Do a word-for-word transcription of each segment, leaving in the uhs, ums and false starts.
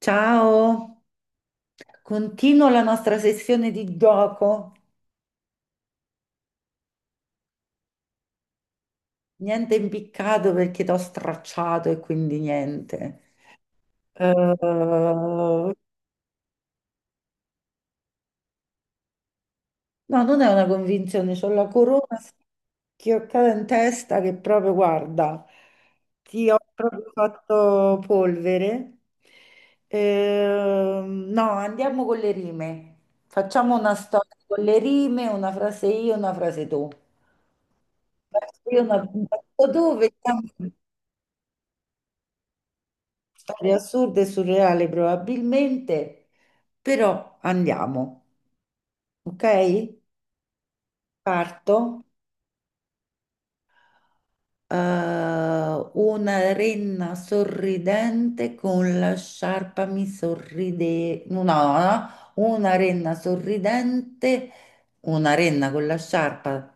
Ciao, continuo la nostra sessione di gioco. Niente impiccato perché ti ho stracciato e quindi niente. Eh, no, non è una convinzione, c'ho la corona schioccata in testa che proprio, guarda, ti ho proprio fatto polvere. Ehm, no, andiamo con le rime. Facciamo una storia con le rime, una frase io, una frase tu. Io non abito dove, siamo storie assurde e surreali probabilmente, però andiamo, ok? Parto. Eh, una renna sorridente con la sciarpa mi sorride... No, no, no. Una renna sorridente, una renna con la sciarpa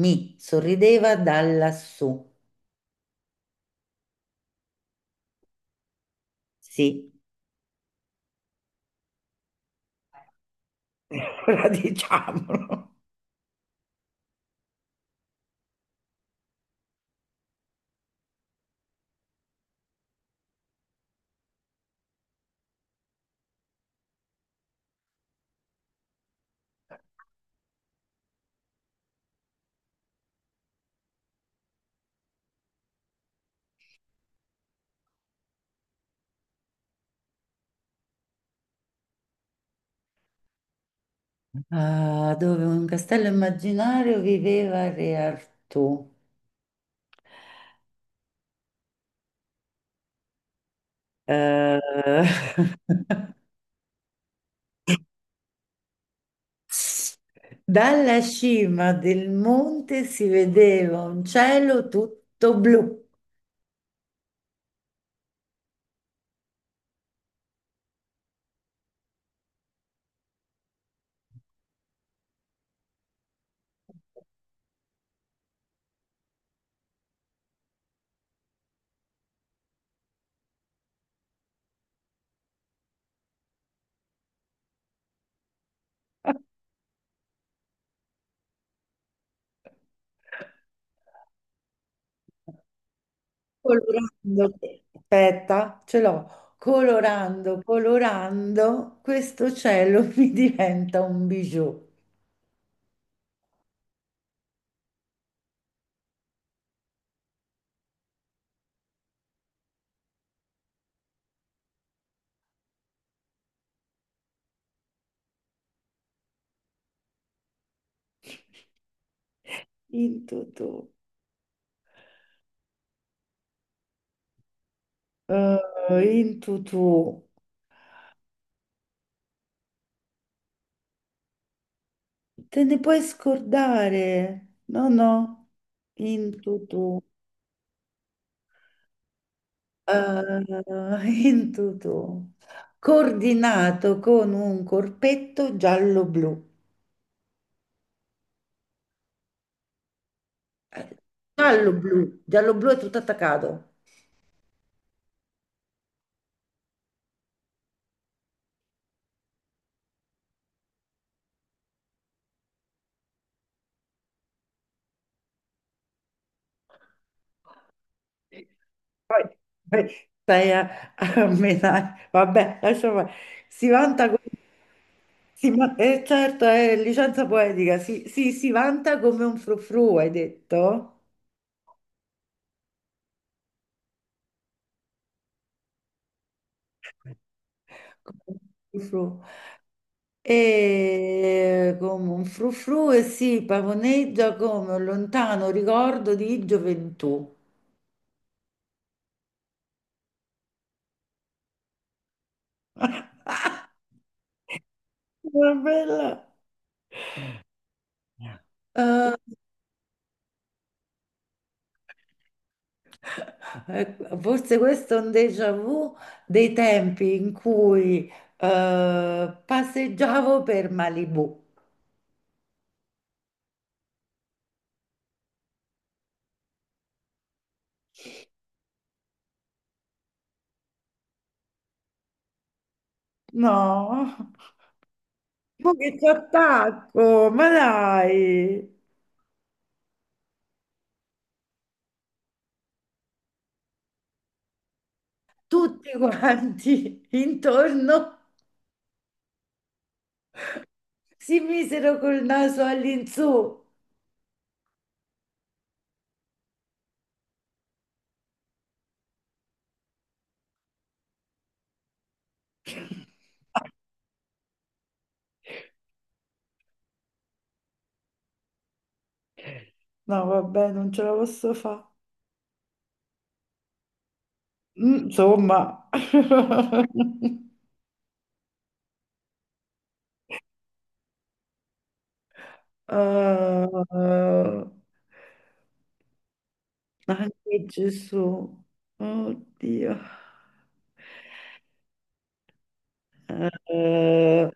mi sorrideva da lassù. Sì, ora diciamolo. Ah, dove in un castello immaginario viveva Re Artù. Eh, dalla cima del monte si vedeva un cielo tutto blu, colorando, aspetta, ce l'ho, colorando, colorando, questo cielo mi diventa un bijou. In tutù, eh, in tutù. Te ne puoi scordare? No, no, in tutto, in tutto, coordinato con un corpetto giallo-blu. Eh, Giallo-blu, giallo-blu è tutto attaccato. Poi, poi stai a, a menare. Vabbè, lascia fare. Si vanta con... si va- eh, certo, è licenza poetica. Si, si, si vanta come un frufru, hai detto? Come un frufru. E come un frufru e si pavoneggia come un lontano ricordo di gioventù. Una bella. Eh, ecco, forse questo è un déjà vu dei tempi in cui eh, passeggiavo per Malibu. No, ma che ti attacco, ma dai. Tutti quanti intorno si misero col naso all'insù. No, vabbè, non ce la posso fare. Insomma, eh, anche Gesù, oddio. Eh,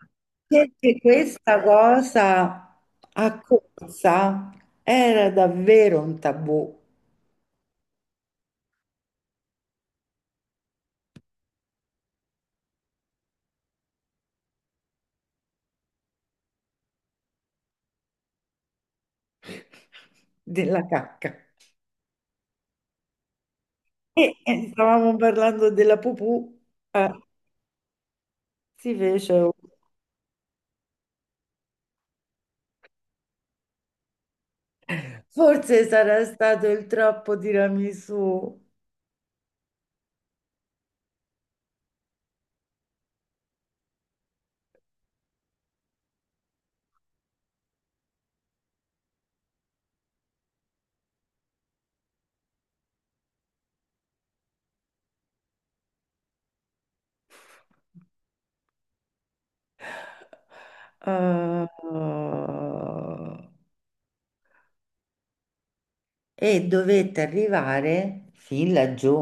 perché questa cosa a corsa era davvero un tabù della cacca. E e stavamo parlando della pupù, eh, si fece. Un- forse sarà stato il troppo tiramisù. Eh, e dovette arrivare fin laggiù.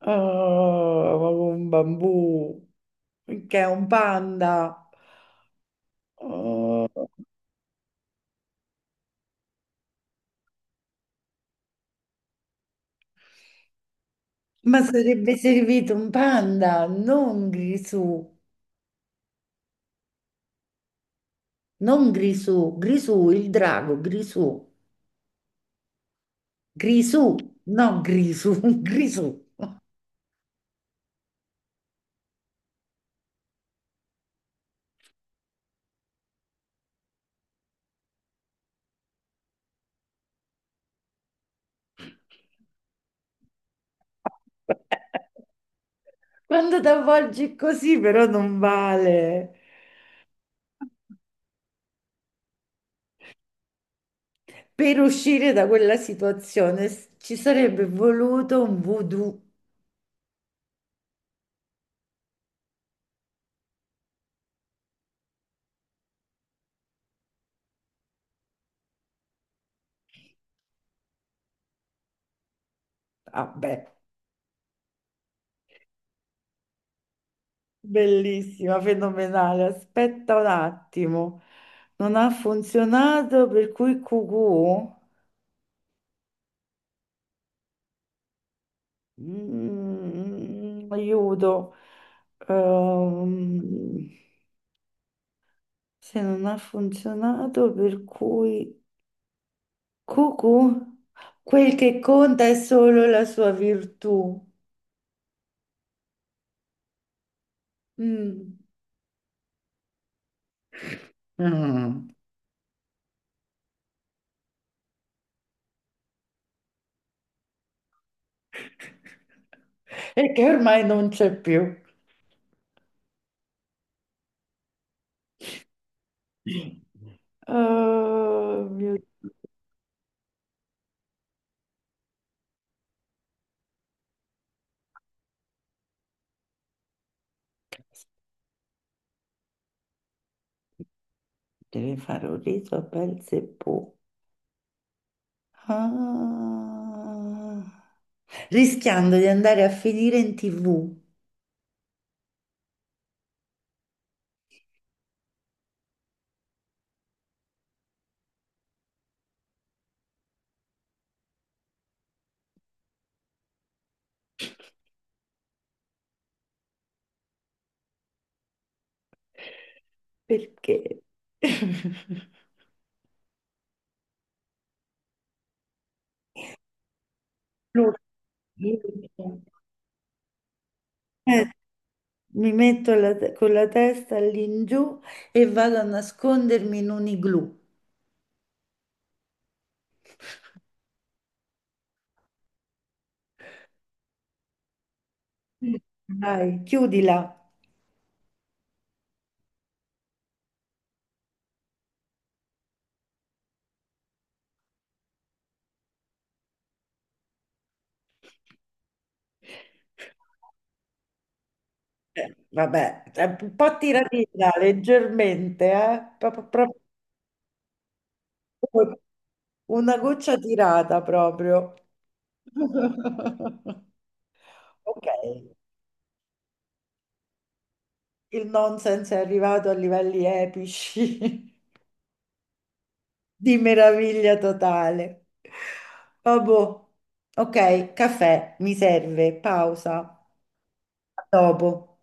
Ah, ma con un bambù, che è un panda. Ah, ma sarebbe servito un panda, non Grisù, non Grisù, Grisù, il drago, Grisù, Grisù, no Grisù, Grisù. Quando ti avvolgi così però non vale. Per uscire da quella situazione s- ci sarebbe voluto un voodoo. Vabbè, bellissima, fenomenale. Aspetta un attimo. Non ha funzionato, per cui cucù. Mm, aiuto. Ehm, Se non ha funzionato, per cui cucù. Quel che conta è solo la sua virtù. Mm. Mm. E che ormai non c'è più. Oh mio Dio, devi fare un riso a pel Seppù. Ah. Rischiando di andare a finire in ti vù. Perché? Lo- Eh, mi metto la te- con la testa all'ingiù e vado a nascondermi in un igloo. Dai, chiudila. Eh, Vabbè, è un po' tiratina, leggermente, eh? Proprio, proprio una goccia tirata proprio. Ok, il nonsense è arrivato a livelli epici di meraviglia totale. Vabbè, ok, caffè, mi serve, pausa, a dopo.